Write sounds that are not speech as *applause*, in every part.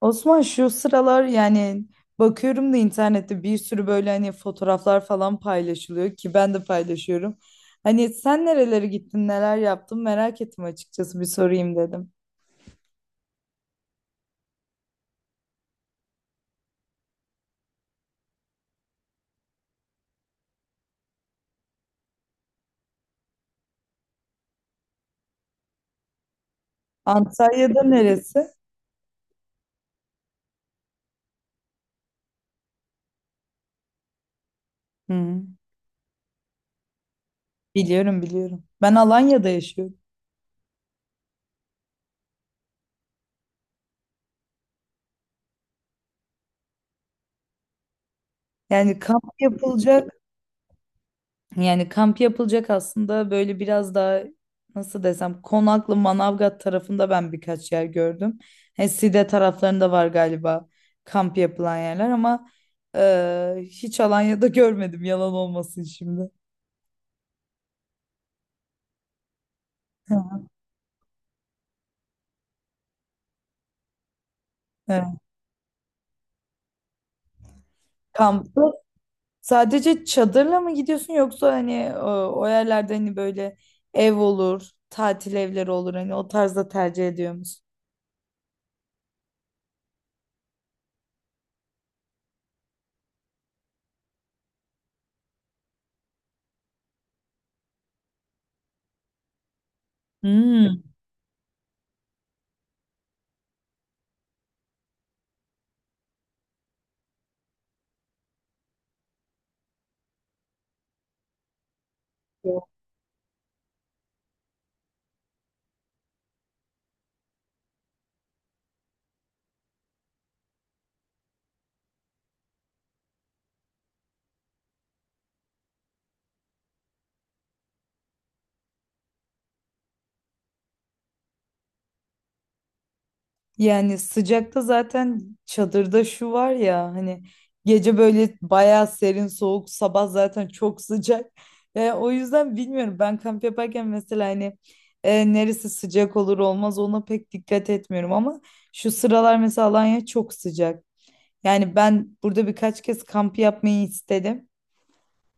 Osman şu sıralar yani bakıyorum da internette bir sürü böyle hani fotoğraflar falan paylaşılıyor ki ben de paylaşıyorum. Hani sen nerelere gittin, neler yaptın merak ettim açıkçası bir sorayım dedim. Antalya'da neresi? Hı, biliyorum biliyorum. Ben Alanya'da yaşıyorum. Yani kamp yapılacak, yani kamp yapılacak aslında böyle biraz daha nasıl desem Konaklı Manavgat tarafında ben birkaç yer gördüm. He, Side taraflarında var galiba kamp yapılan yerler ama hiç Alanya'da *laughs* görmedim yalan olmasın şimdi. Hı, evet. Kampı sadece çadırla mı gidiyorsun yoksa hani o yerlerde hani böyle ev olur, tatil evleri olur hani o tarzda tercih ediyor musun? Hmm. Yani sıcakta zaten çadırda şu var ya hani gece böyle bayağı serin soğuk sabah zaten çok sıcak. O yüzden bilmiyorum ben kamp yaparken mesela hani neresi sıcak olur olmaz ona pek dikkat etmiyorum ama şu sıralar mesela Alanya çok sıcak. Yani ben burada birkaç kez kamp yapmayı istedim.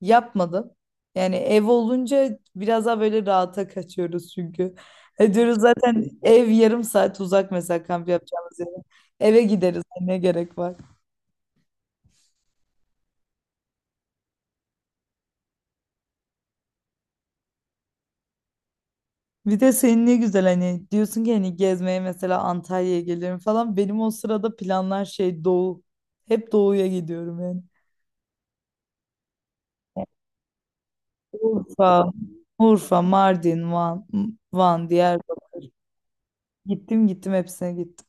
Yapmadım. Yani ev olunca biraz daha böyle rahata kaçıyoruz çünkü. E diyoruz zaten ev yarım saat uzak mesela kamp yapacağımız yere. Eve gideriz hani ne gerek var. Bir de senin ne güzel hani diyorsun ki hani gezmeye mesela Antalya'ya gelirim falan. Benim o sırada planlar şey doğu. Hep doğuya gidiyorum yani. Urfa, Urfa, Mardin, Van, Diyarbakır. Gittim gittim hepsine gittim.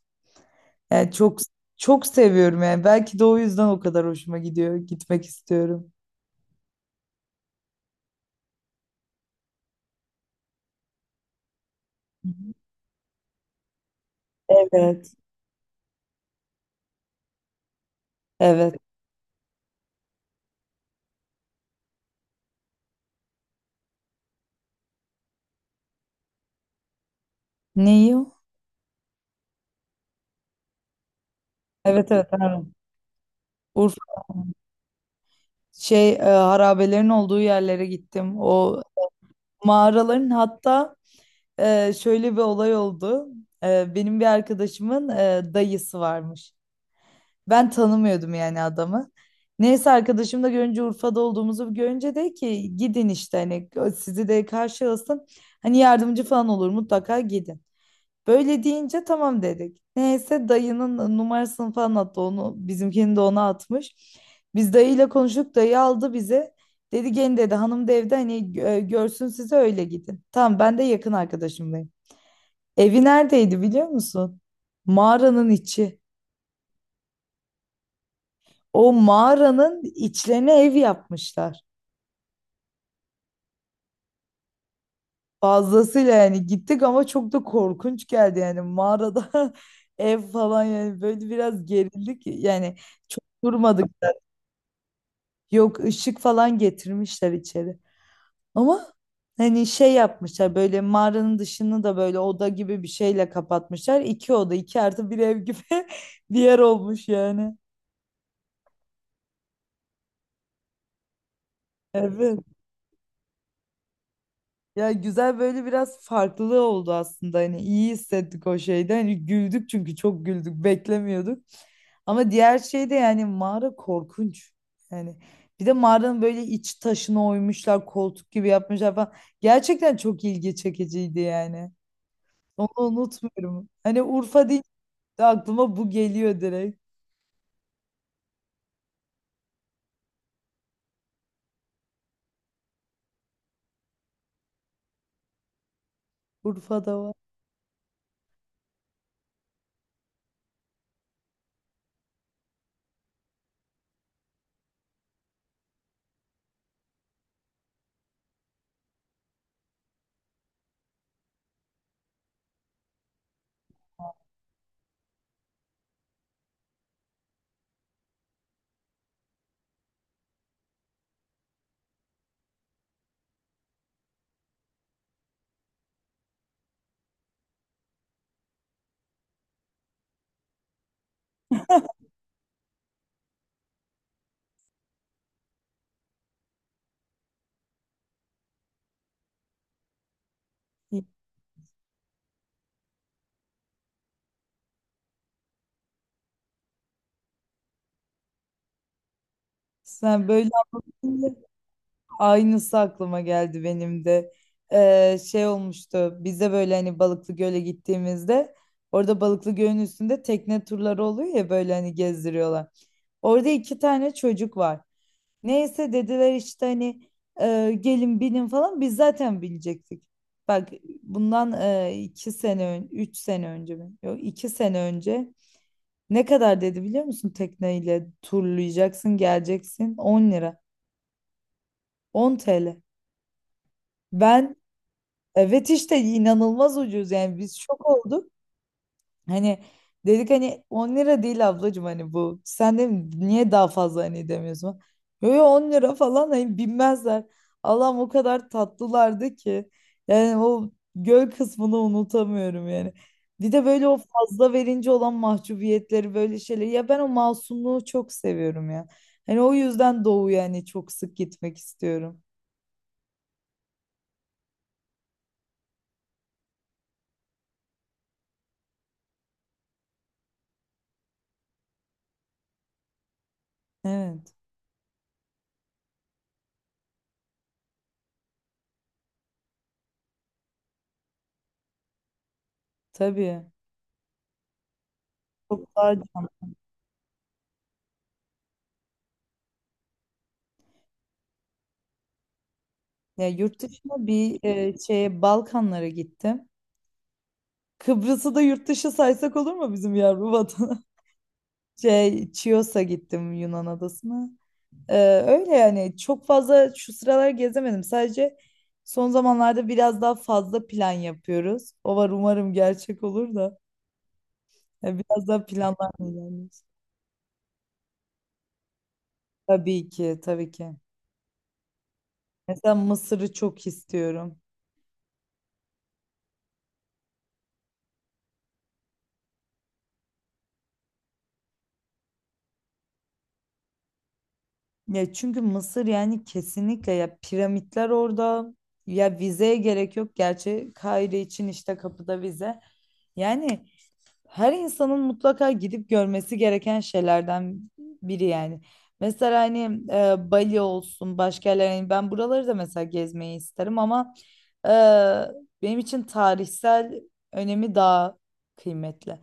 Yani çok çok seviyorum yani. Belki de o yüzden o kadar hoşuma gidiyor. Gitmek istiyorum. Evet, evet. Neyi o? Evet, evet. Harran. Urfa şey harabelerin olduğu yerlere gittim. O mağaraların hatta şöyle bir olay oldu. Benim bir arkadaşımın dayısı varmış. Ben tanımıyordum yani adamı. Neyse arkadaşım da görünce Urfa'da olduğumuzu görünce de ki gidin işte hani sizi de karşı alsın. Hani yardımcı falan olur mutlaka gidin. Böyle deyince tamam dedik. Neyse dayının numarasını falan attı onu. Bizimkini de ona atmış. Biz dayıyla konuştuk. Dayı aldı bizi. Dedi gelin dedi hanım da evde hani görsün sizi öyle gidin. Tamam ben de yakın arkadaşımdayım. Evi neredeydi biliyor musun? Mağaranın içi. O mağaranın içlerine ev yapmışlar. Fazlasıyla yani gittik ama çok da korkunç geldi yani mağarada *laughs* ev falan yani böyle biraz gerildik yani çok durmadık. Yok, ışık falan getirmişler içeri. Ama hani şey yapmışlar böyle mağaranın dışını da böyle oda gibi bir şeyle kapatmışlar. İki oda iki artı bir ev gibi *laughs* bir yer olmuş yani. Evet. Ya güzel böyle biraz farklılığı oldu aslında hani iyi hissettik o şeyde. Hani güldük çünkü çok güldük beklemiyorduk. Ama diğer şey de yani mağara korkunç. Yani bir de mağaranın böyle iç taşına oymuşlar koltuk gibi yapmışlar falan. Gerçekten çok ilgi çekiciydi yani. Onu unutmuyorum. Hani Urfa deyince de aklıma bu geliyor direkt. Urfa'da var. Sen böyle deyince aynısı aklıma geldi benim de. Şey olmuştu. Biz de böyle hani Balıklı Göl'e gittiğimizde orada Balıklı Göl'ün üstünde tekne turları oluyor ya böyle hani gezdiriyorlar. Orada iki tane çocuk var. Neyse dediler işte hani gelin binin falan biz zaten binecektik. Bak bundan üç sene önce mi? Yok, iki sene önce. Ne kadar dedi biliyor musun? Tekneyle turlayacaksın, geleceksin 10 lira. 10 TL. Ben evet işte inanılmaz ucuz yani biz şok olduk. Hani dedik hani 10 lira değil ablacığım hani bu. Sen de niye daha fazla hani demiyorsun? Yo, yo, 10 lira falan hani bilmezler. Allah'ım o kadar tatlılardı ki. Yani o göl kısmını unutamıyorum yani. Bir de böyle o fazla verince olan mahcubiyetleri böyle şeyleri. Ya ben o masumluğu çok seviyorum ya. Hani o yüzden Doğu yani çok sık gitmek istiyorum. Evet, tabii. Çok daha... Ya yurt dışına bir şeye Balkanlara gittim. Kıbrıs'ı da yurt dışı saysak olur mu bizim yavru vatana? *laughs* Şey, Chios'a gittim Yunan adasına. Ee, Öyle yani çok fazla şu sıralar gezemedim. Sadece son zamanlarda biraz daha fazla plan yapıyoruz. O var umarım gerçek olur da. Ya biraz daha planlar ilerliyoruz. Tabii ki, tabii ki. Mesela Mısır'ı çok istiyorum. Ya çünkü Mısır yani kesinlikle ya piramitler orada. Ya vizeye gerek yok. Gerçi Kahire için işte kapıda vize. Yani her insanın mutlaka gidip görmesi gereken şeylerden biri yani. Mesela hani Bali olsun başka yerler hani ben buraları da mesela gezmeyi isterim ama e, benim için tarihsel önemi daha kıymetli.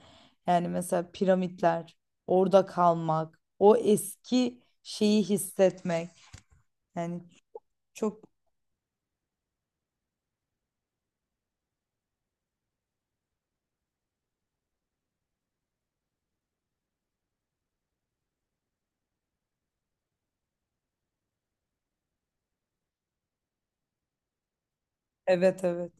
Yani mesela piramitler, orada kalmak, o eski şeyi hissetmek. Yani çok, evet, evet.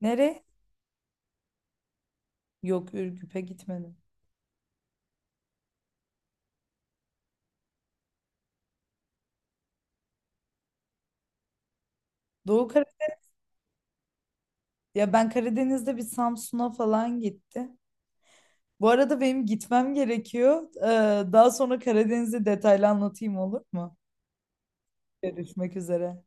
Nereye? Yok, Ürgüp'e gitmedim. Doğu Ya ben Karadeniz'de bir Samsun'a falan gitti. Bu arada benim gitmem gerekiyor. Daha sonra Karadeniz'i detaylı anlatayım olur mu? Görüşmek üzere.